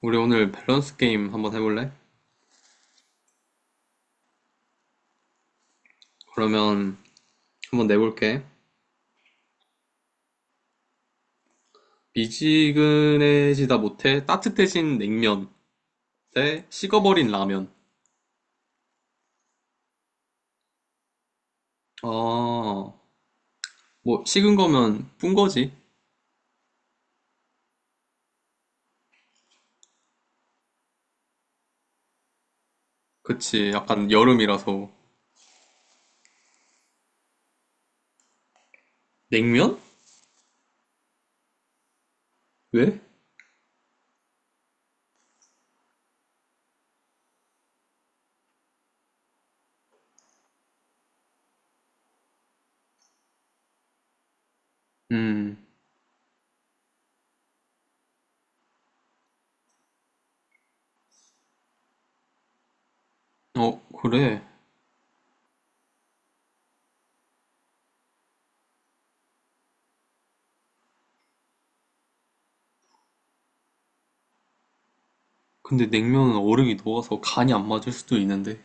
우리 오늘 밸런스 게임 한번 해볼래? 그러면 한번 내볼게. 미지근해지다 못해 따뜻해진 냉면 대 식어버린 라면. 아, 뭐 식은 거면 뿐 거지. 그치, 약간 여름이라서. 냉면? 왜? 음, 어, 그래. 근데 냉면은 얼음이 녹아서 간이 안 맞을 수도 있는데.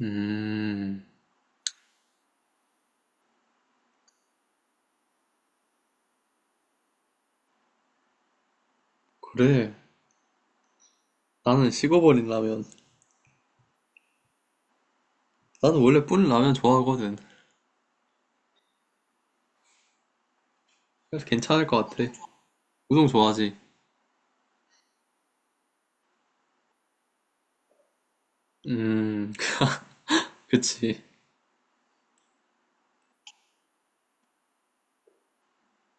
음, 그래. 나는 식어버린 라면. 나는 원래 뿌린 라면 좋아하거든. 그래서 괜찮을 것 같아. 우동 좋아하지? 음, 그치.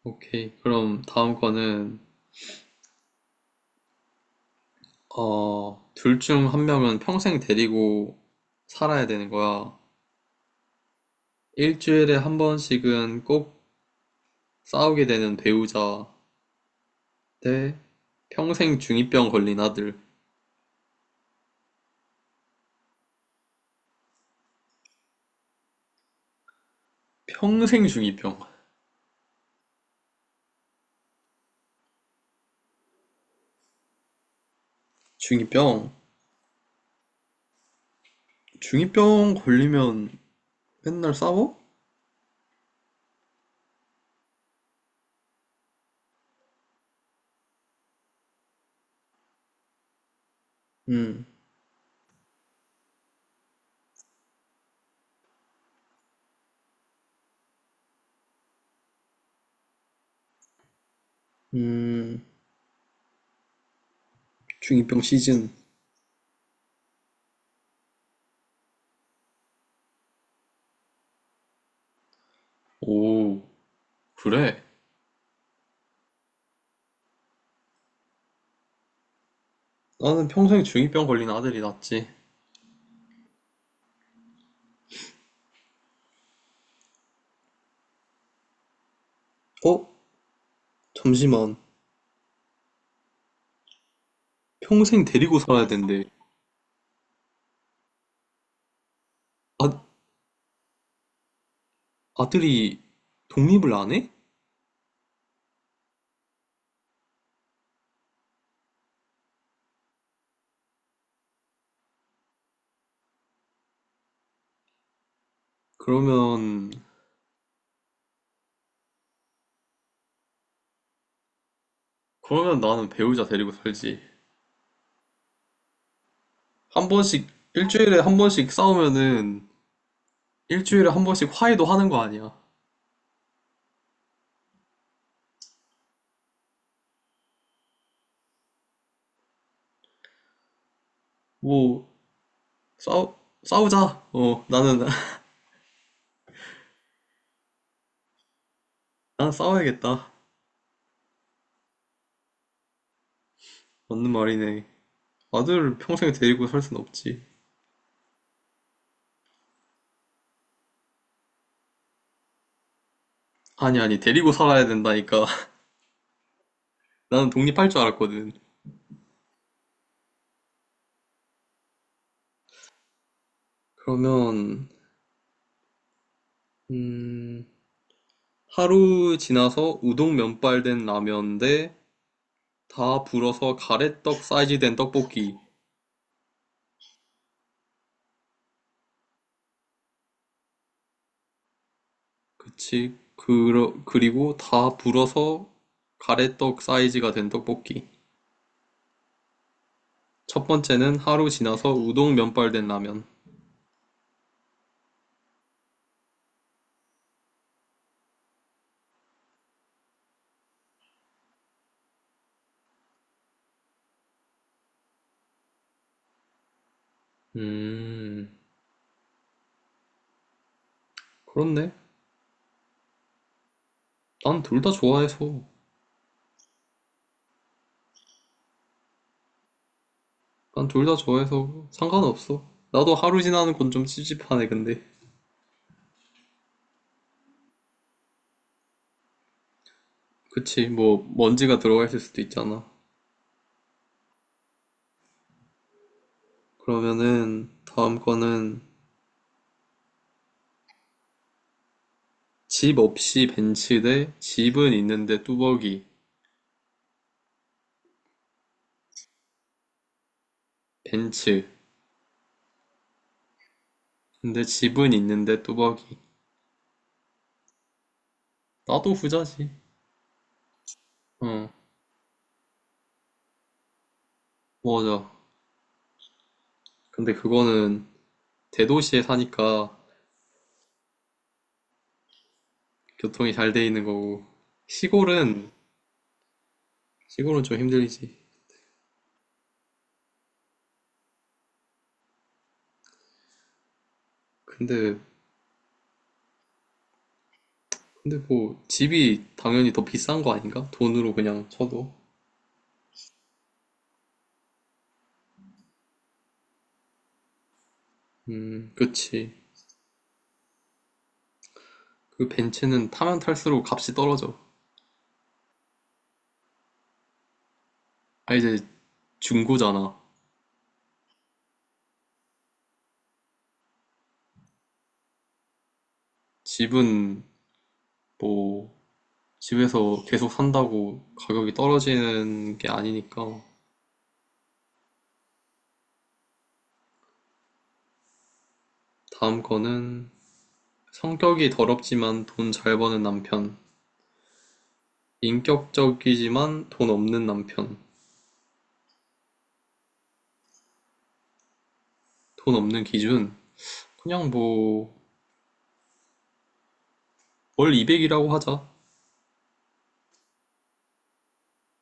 오케이. 그럼 다음 거는, 어, 둘 중 한 명은 평생 데리고 살아야 되는 거야. 일주일에 한 번씩은 꼭 싸우게 되는 배우자 대 평생 중이병 걸린 아들. 평생 중이병. 중이병? 중이병 걸리면 맨날 싸워? 음, 음, 중이병 시즌. 오, 그래? 나는 평생 중이병 걸린 아들이 낫지. 어? 잠시만. 평생 데리고 살아야 된대. 아, 아들이 독립을 안 해? 그러면, 그러면 나는 배우자 데리고 살지. 한 번씩, 일주일에 한 번씩 싸우면은, 일주일에 한 번씩 화해도 하는 거 아니야. 뭐, 싸우, 싸우자. 어, 나는, 나는 싸워야겠다. 맞는 말이네. 아들을 평생 데리고 살 순 없지. 아니, 데리고 살아야 된다니까. 나는 독립할 줄 알았거든. 그러면, 음, 하루 지나서 우동 면발 된 라면 대 다 불어서 가래떡 사이즈 된 떡볶이. 그치. 그리고 다 불어서 가래떡 사이즈가 된 떡볶이. 첫 번째는 하루 지나서 우동 면발 된 라면. 음, 그렇네. 난 둘 다 좋아해서. 난 둘 다 좋아해서 상관없어. 나도 하루 지나는 건 좀 찝찝하네, 근데. 그치, 뭐, 먼지가 들어가 있을 수도 있잖아. 그러면은, 다음 거는, 집 없이 벤츠 대 집은 있는데 뚜벅이. 벤츠. 근데 집은 있는데 뚜벅이. 나도 후자지. 어, 맞아. 근데 그거는 대도시에 사니까 교통이 잘 돼 있는 거고. 시골은, 시골은 좀 힘들지. 근데, 근데 뭐, 집이 당연히 더 비싼 거 아닌가? 돈으로 그냥 쳐도. 그치. 그 벤츠는 타면 탈수록 값이 떨어져. 아, 이제 중고잖아. 집은 뭐, 집에서 계속 산다고 가격이 떨어지는 게 아니니까. 다음 거는, 성격이 더럽지만 돈 잘 버는 남편. 인격적이지만 돈 없는 남편. 돈 없는 기준? 그냥 뭐, 월 200만 원이라고 하자.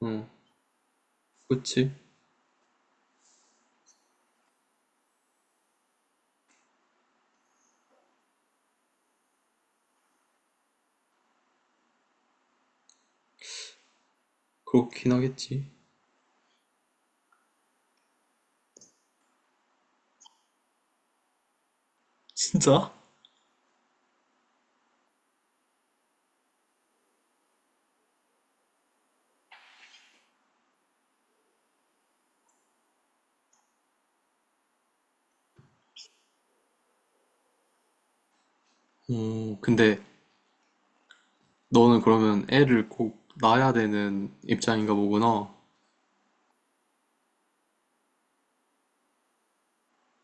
응, 그치. 그렇긴 하겠지. 진짜? 어, 근데 너는 그러면 애를 꼭 낳아야 되는 입장인가 보구나.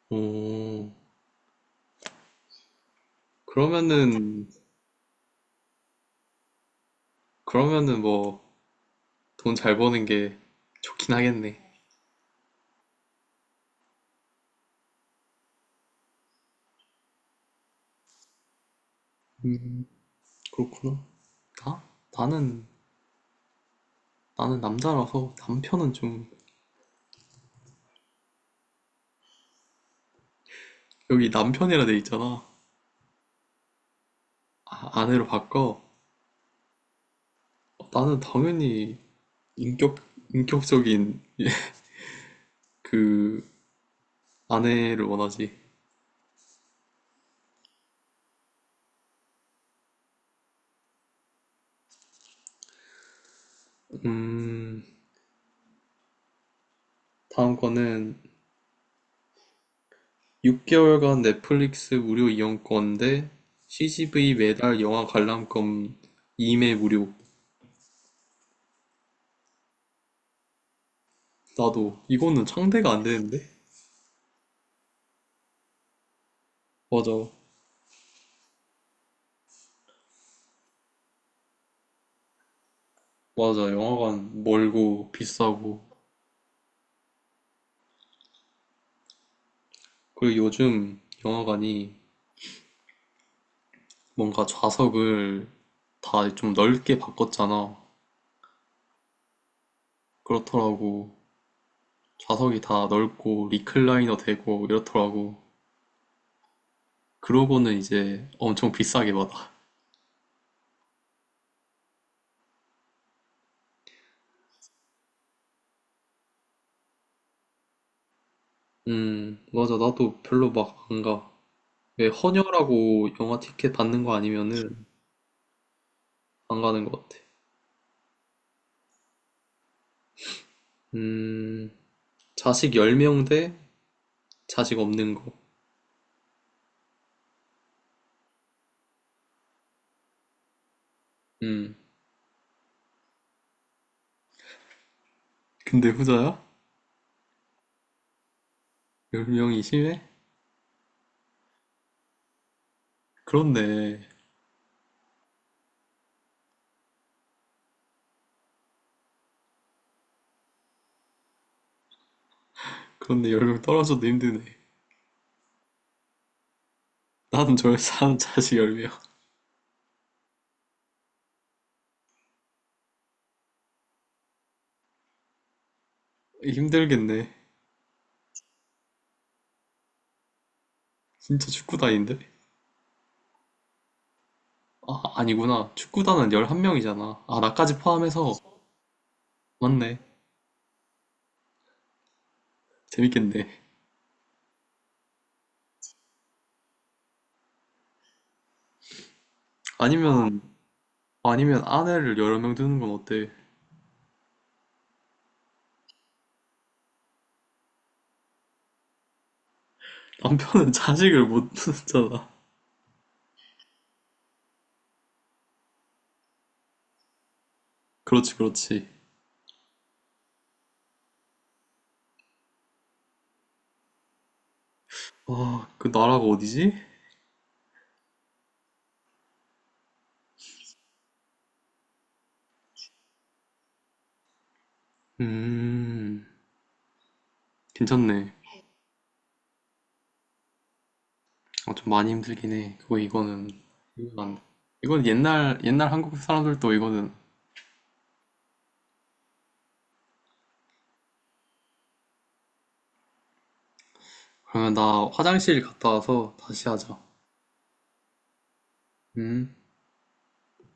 어, 그러면은, 그러면은 뭐, 돈 잘 버는 게 좋긴 하겠네. 그렇구나. 나? 나는, 나는 남자라서 남편은 좀 여기 남편이라 돼 있잖아. 아, 아내로 바꿔. 어, 나는 당연히 인격, 인격적인 그 아내를 원하지. 음, 다음 거는 6개월간 넷플릭스 무료 이용권 대 CGV 매달 영화 관람권 2매 무료. 나도 이거는 상대가 안 되는데? 맞아. 맞아. 영화관 멀고 비싸고. 그리고 요즘 영화관이 뭔가 좌석을 다 좀 넓게 바꿨잖아. 그렇더라고. 좌석이 다 넓고 리클라이너 되고 이렇더라고. 그러고는 이제 엄청 비싸게 받아. 맞아. 나도 별로 막 안 가. 왜 헌혈하고 영화 티켓 받는 거 아니면은 안 가는 것 같아. 음, 자식 10명 대 자식 없는 거. 음, 근데 후자야? 10명이 심해? 그렇네. 그런데 10명 떨어져도 힘드네. 나는 절사한 자식 10명. 힘들겠네. 진짜 축구단인데? 아, 아니구나. 축구단은 11명이잖아. 아, 나까지 포함해서. 맞네. 재밌겠네. 아니면, 아니면 아내를 여러 명 두는 건 어때? 남편은 자식을 못 두잖아. 그렇지, 그렇지. 아, 그 나라가 어디지? 음, 괜찮네. 아, 좀 많이 힘들긴 해. 그거 이거는, 이건 안 돼. 이건 옛날 한국 사람들도 이거는. 그러면 나 화장실 갔다 와서 다시 하자. 음.